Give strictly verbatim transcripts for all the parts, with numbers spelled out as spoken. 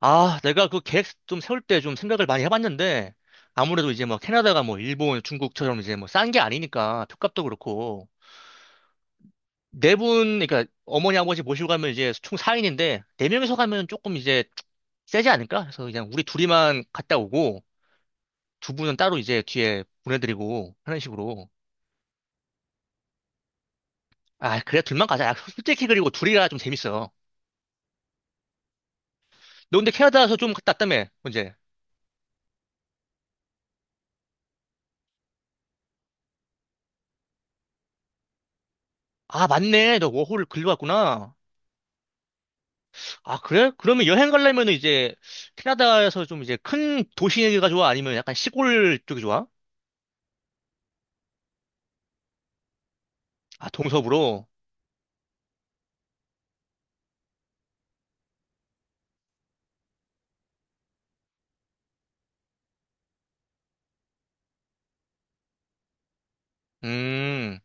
아, 내가 그 계획 좀 세울 때 좀 생각을 많이 해봤는데, 아무래도 이제 뭐 캐나다가 뭐 일본, 중국처럼 이제 뭐 싼 게 아니니까, 표값도 그렇고, 네 분, 그러니까 어머니, 아버지 모시고 가면 이제 총 사 인인데, 네명이서 가면 조금 이제 세지 않을까? 그래서 그냥 우리 둘이만 갔다 오고, 두 분은 따로 이제 뒤에 보내드리고, 하는 식으로. 아, 그래, 둘만 가자. 야, 솔직히 그리고 둘이가 좀 재밌어. 너 근데 캐나다에서 좀 갔다 왔다며, 언제? 아, 맞네. 너 워홀 글로 왔구나. 아, 그래? 그러면 여행 가려면 이제 캐나다에서 좀 이제 큰 도시가 좋아? 아니면 약간 시골 쪽이 좋아? 아, 동서부로? 음.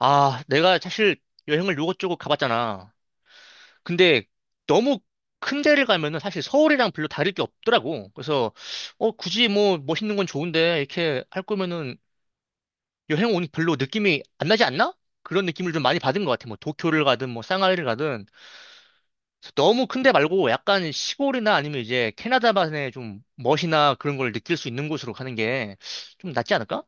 아, 내가 사실 여행을 요것저것 가봤잖아. 근데 너무 큰 데를 가면은 사실 서울이랑 별로 다를 게 없더라고. 그래서, 어, 굳이 뭐 멋있는 건 좋은데 이렇게 할 거면은 여행 온 별로 느낌이 안 나지 않나? 그런 느낌을 좀 많이 받은 것 같아. 뭐 도쿄를 가든 뭐 상하이를 가든. 그래서 너무 큰데 말고 약간 시골이나 아니면 이제 캐나다만의 좀 멋이나 그런 걸 느낄 수 있는 곳으로 가는 게 좀 낫지 않을까?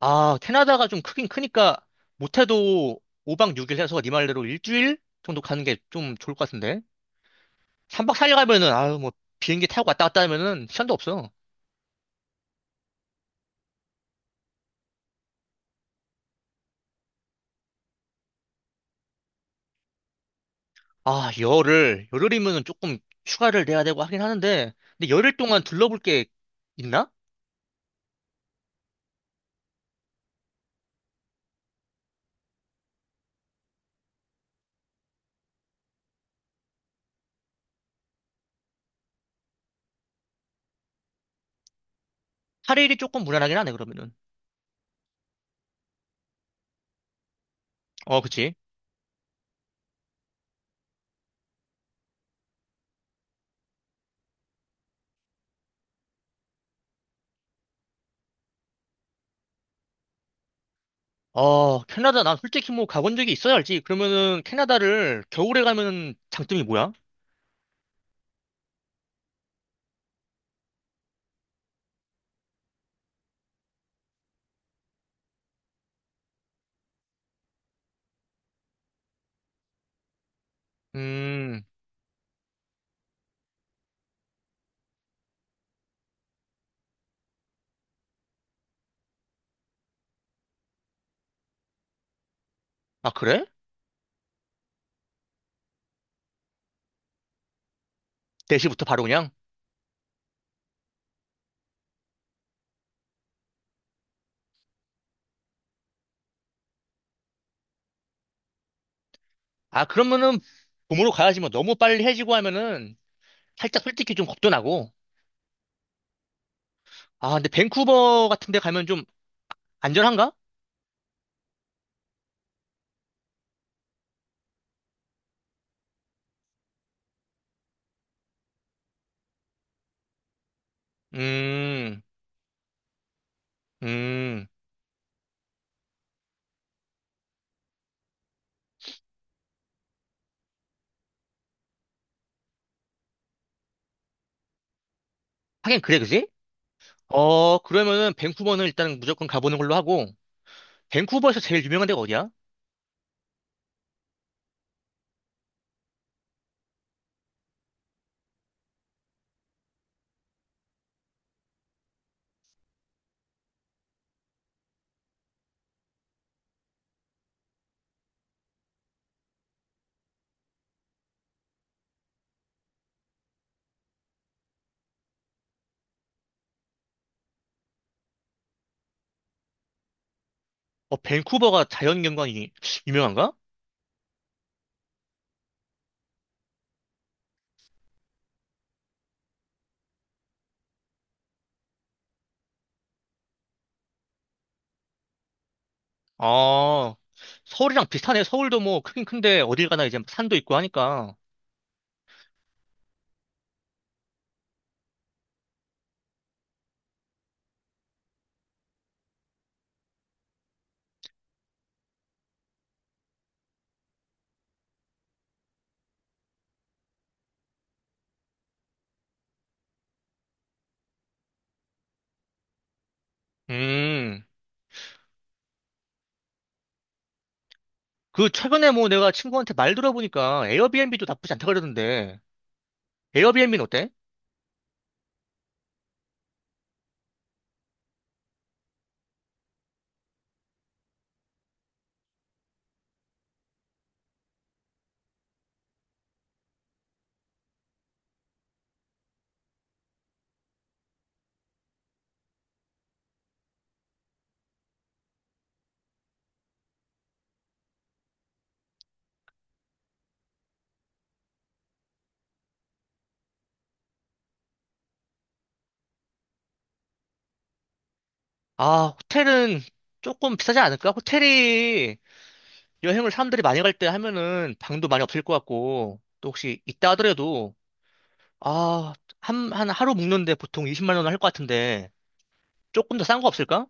아, 캐나다가 좀 크긴 크니까 못해도 오 박 육 일 해서 네 말대로 일주일 정도 가는 게 좀 좋을 것 같은데. 삼 박 사 일 가면은 아유 뭐 비행기 타고 왔다 갔다 하면은 시간도 없어. 아, 열흘. 열흘이면은 조금 휴가를 내야 되고 하긴 하는데 근데 열흘 동안 둘러볼 게 있나? 팔 일이 조금 무난하긴 하네 그러면은. 어, 그치. 아, 캐나다, 난 솔직히 뭐 가본 적이 있어야 알지. 그러면은 캐나다를 겨울에 가면 장점이 뭐야? 음. 아, 그래? 대시부터 바로 그냥? 아, 그러면은 봄으로 가야지 뭐 너무 빨리 해지고 하면은 살짝 솔직히 좀 겁도 나고. 아, 근데 밴쿠버 같은 데 가면 좀 안전한가? 음. 음. 하긴 그래, 그지? 어, 그러면은 밴쿠버는 일단 무조건 가보는 걸로 하고, 밴쿠버에서 제일 유명한 데가 어디야? 어, 밴쿠버가 자연경관이 유명한가? 아, 서울이랑 비슷하네. 서울도 뭐 크긴 큰데 어딜 가나 이제 산도 있고 하니까. 음. 그 최근에 뭐 내가 친구한테 말 들어보니까 에어비앤비도 나쁘지 않다 그러던데. 에어비앤비는 어때? 아, 호텔은 조금 비싸지 않을까? 호텔이 여행을 사람들이 많이 갈 때 하면은 방도 많이 없을 것 같고. 또 혹시 있다 하더라도 아, 한, 한 하루 묵는데 보통 이십만 원 할 것 같은데 조금 더 싼 거 없을까?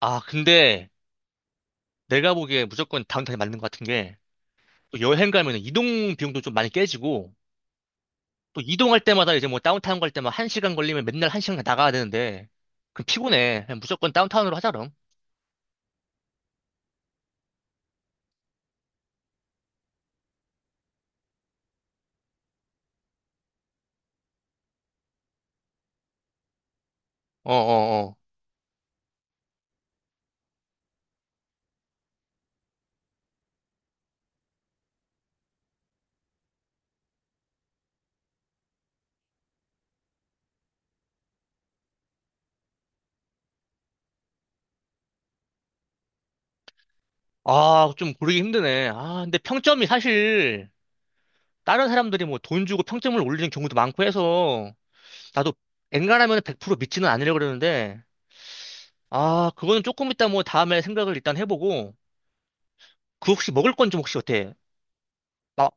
아, 근데 내가 보기에 무조건 다운타운이 맞는 것 같은 게 또 여행 가면 이동 비용도 좀 많이 깨지고 또 이동할 때마다 이제 뭐 다운타운 갈 때만 한 시간 걸리면 맨날 한 시간 나가야 되는데 그럼 피곤해. 그냥 무조건 다운타운으로 하자 그럼. 어어어. 아, 좀 고르기 힘드네. 아, 근데 평점이 사실 다른 사람들이 뭐 돈 주고 평점을 올리는 경우도 많고 해서 나도 엔간하면 백 퍼센트 믿지는 않으려고 그러는데 아, 그거는 조금 이따 뭐 다음에 생각을 일단 해보고 그 혹시 먹을 건 좀 혹시 어때? 아,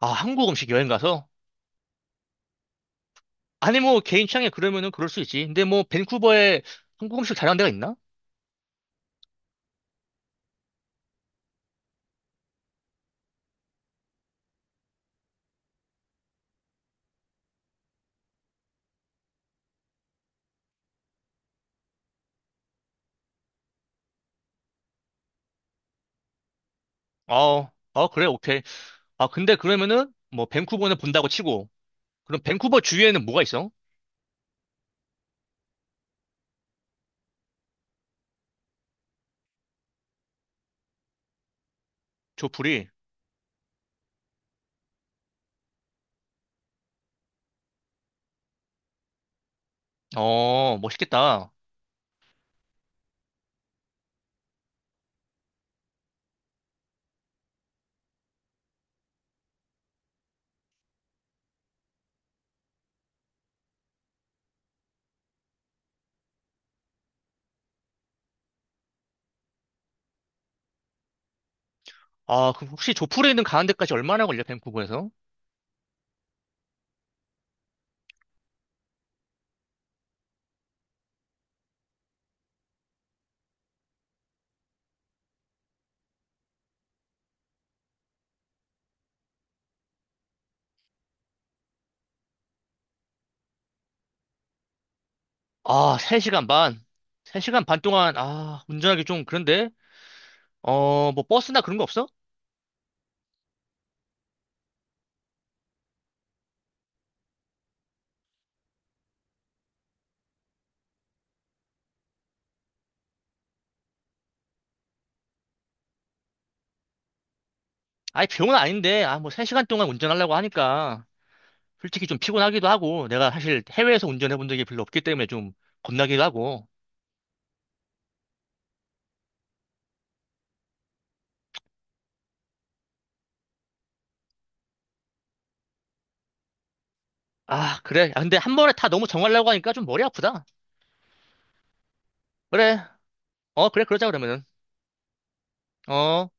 아, 한국 음식 여행 가서? 아니 뭐 개인 취향에 그러면은 그럴 수 있지. 근데 뭐 밴쿠버에 한국 음식 잘하는 데가 있나? 어, 어, 그래, 오케이. 아, 근데 그러면은, 뭐, 밴쿠버는 본다고 치고, 그럼 밴쿠버 주위에는 뭐가 있어? 조풀이. 어, 멋있겠다. 아, 그럼 혹시 조풀에 있는 가는 데까지 얼마나 걸려, 밴쿠버에서? 아, 세 시간 반. 세 시간 반 동안, 아, 운전하기 좀 그런데? 어, 뭐, 버스나 그런 거 없어? 아니, 병은 아닌데, 아, 뭐, 세 시간 동안 운전하려고 하니까, 솔직히 좀 피곤하기도 하고, 내가 사실 해외에서 운전해 본 적이 별로 없기 때문에 좀 겁나기도 하고. 아, 그래. 아, 근데 한 번에 다 너무 정하려고 하니까 좀 머리 아프다. 그래. 어, 그래, 그러자, 그러면은. 어.